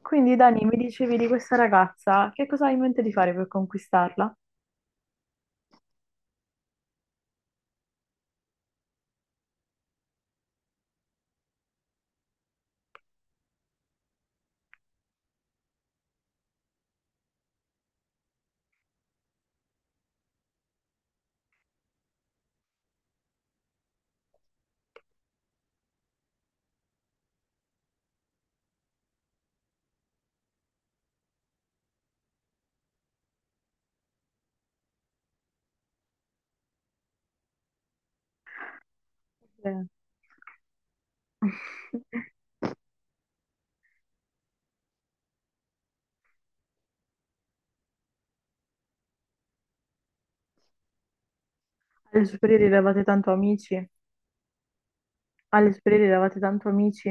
Quindi Dani, mi dicevi di questa ragazza, che cosa hai in mente di fare per conquistarla? Eh, Alle superiori eravate tanto amici, alle superiori eravate tanto amici,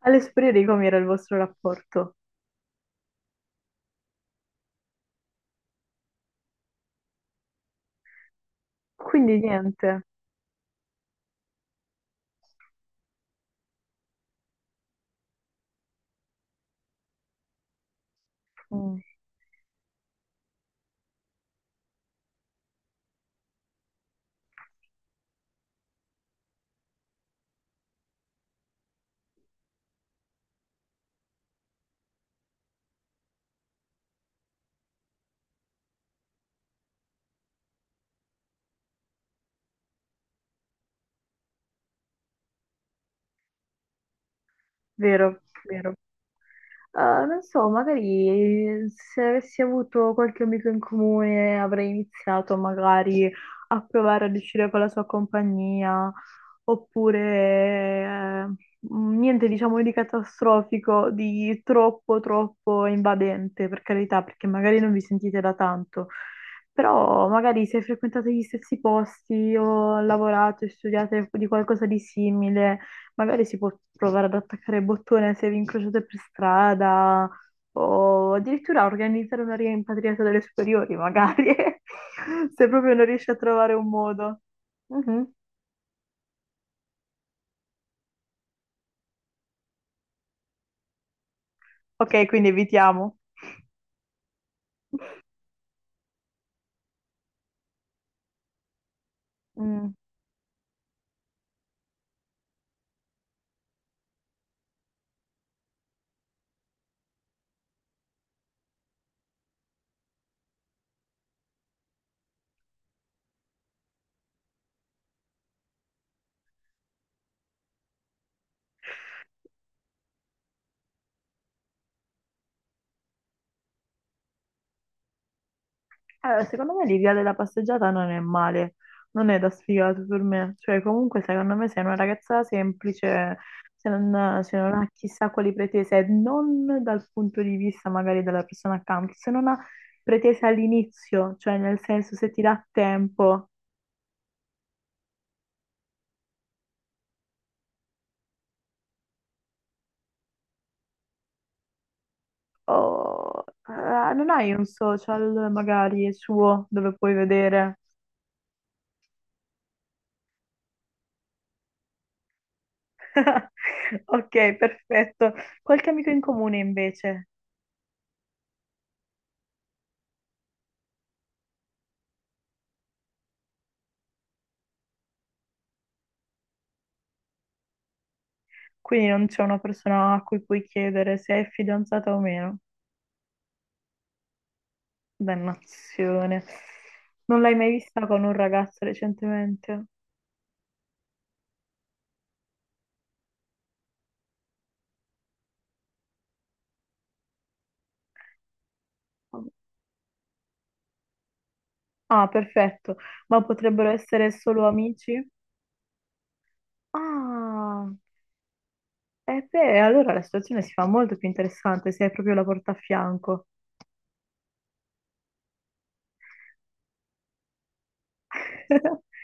alle superiori com'era il vostro rapporto? Quindi niente, Mm, vero, vero. Non so, magari se avessi avuto qualche amico in comune avrei iniziato magari a provare ad uscire con la sua compagnia, oppure niente diciamo di catastrofico, di troppo troppo invadente, per carità, perché magari non vi sentite da tanto. Però magari se frequentate gli stessi posti o lavorate, studiate di qualcosa di simile, magari si può provare ad attaccare il bottone se vi incrociate per strada o addirittura organizzare una rimpatriata delle superiori, magari, se proprio non riesci a trovare un modo. Mhm. Ok, quindi evitiamo. Mm. Allora, secondo me l'idea della passeggiata non è male, non è da sfigato per me. Cioè, comunque, secondo me, sei una ragazza semplice, se non ha chissà quali pretese, non dal punto di vista magari della persona accanto, se non ha pretese all'inizio, cioè nel senso se ti dà tempo o non hai un social magari suo dove puoi vedere. Ok, perfetto. Qualche amico in comune invece? Quindi non c'è una persona a cui puoi chiedere se è fidanzata o meno. Dannazione. Non l'hai mai vista con un ragazzo recentemente? Ah, perfetto. Ma potrebbero essere solo amici? Ah, e beh, allora la situazione si fa molto più interessante se hai proprio la porta a fianco.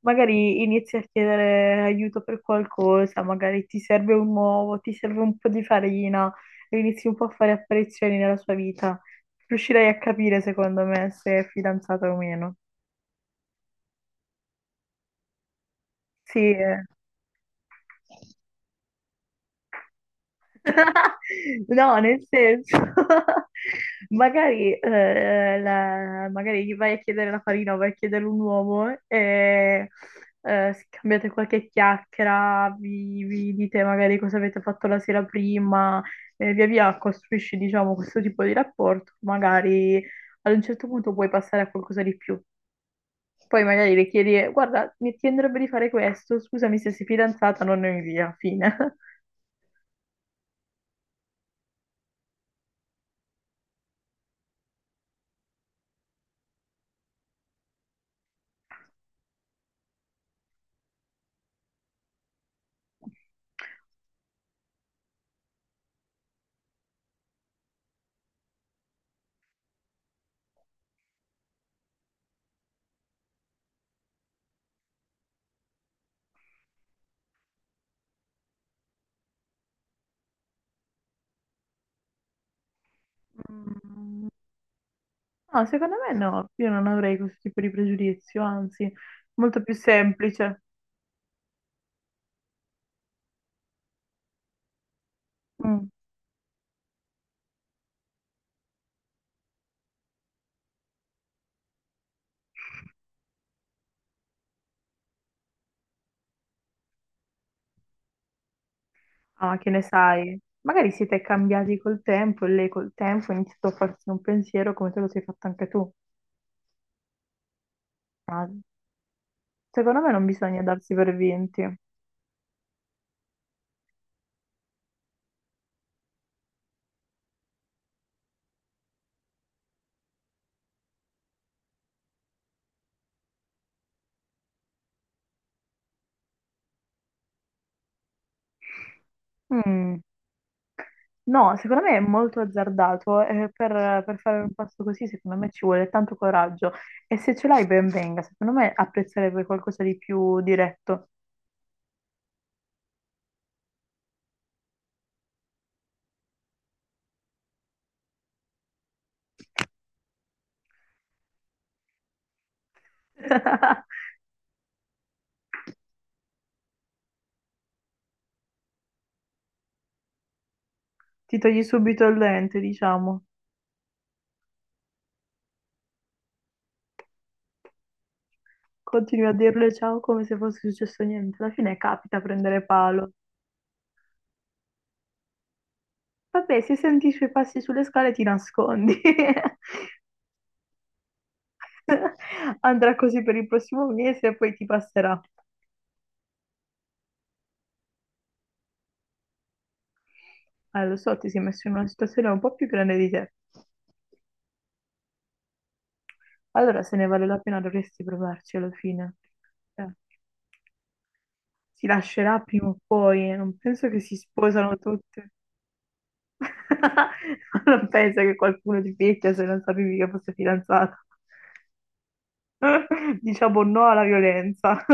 Magari inizi a chiedere aiuto per qualcosa, magari ti serve un uovo, ti serve un po' di farina, e inizi un po' a fare apparizioni nella sua vita. Riuscirai a capire, secondo me, se è fidanzata o meno. Sì, eh. No, nel senso, magari, magari gli vai a chiedere la farina o vai a chiedere un uomo e scambiate qualche chiacchiera, vi dite magari cosa avete fatto la sera prima, e via via costruisci, diciamo, questo tipo di rapporto. Magari ad un certo punto puoi passare a qualcosa di più. Poi magari le chiedi, guarda, mi ti andrebbe di fare questo, scusami se sei fidanzata, non ne via, fine. Mm, no, secondo me no, io non avrei questo tipo di pregiudizio, anzi, molto più semplice. Mm. Ah, che ne sai? Magari siete cambiati col tempo e lei col tempo ha iniziato a farsi un pensiero come te lo sei fatto anche tu. Ma secondo me non bisogna darsi per vinti. Mm. No, secondo me è molto azzardato e per fare un passo così secondo me ci vuole tanto coraggio e se ce l'hai ben venga, secondo me apprezzerebbe qualcosa di più diretto. Ti togli subito il lente, diciamo. Continui a dirle ciao come se fosse successo niente. Alla fine capita a prendere palo. Vabbè, se senti i suoi passi sulle scale ti nascondi. Andrà così per il prossimo mese e poi ti passerà. Ah, lo so, ti sei messo in una situazione un po' più grande di te. Allora, se ne vale la pena, dovresti provarci alla fine. Eh, si lascerà prima o poi, non penso che si sposano tutte. Non penso che qualcuno ti picchia se non sapevi che fosse fidanzato. Diciamo no alla violenza.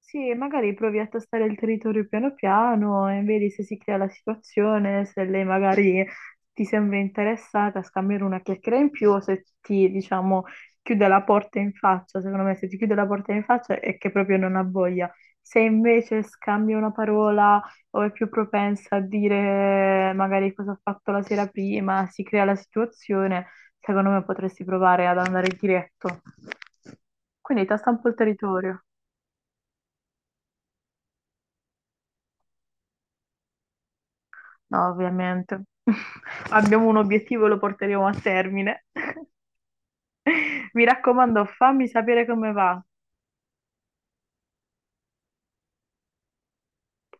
Sì, magari provi a tastare il territorio piano piano e vedi se si crea la situazione, se lei magari ti sembra interessata a scambiare una chiacchiera in più o se ti, diciamo, chiude la porta in faccia. Secondo me, se ti chiude la porta in faccia è che proprio non ha voglia. Se invece scambia una parola o è più propensa a dire magari cosa ha fatto la sera prima, si crea la situazione, secondo me potresti provare ad andare diretto. Quindi tasta un po' il territorio. No, ovviamente. Abbiamo un obiettivo e lo porteremo a termine. Mi raccomando, fammi sapere come va.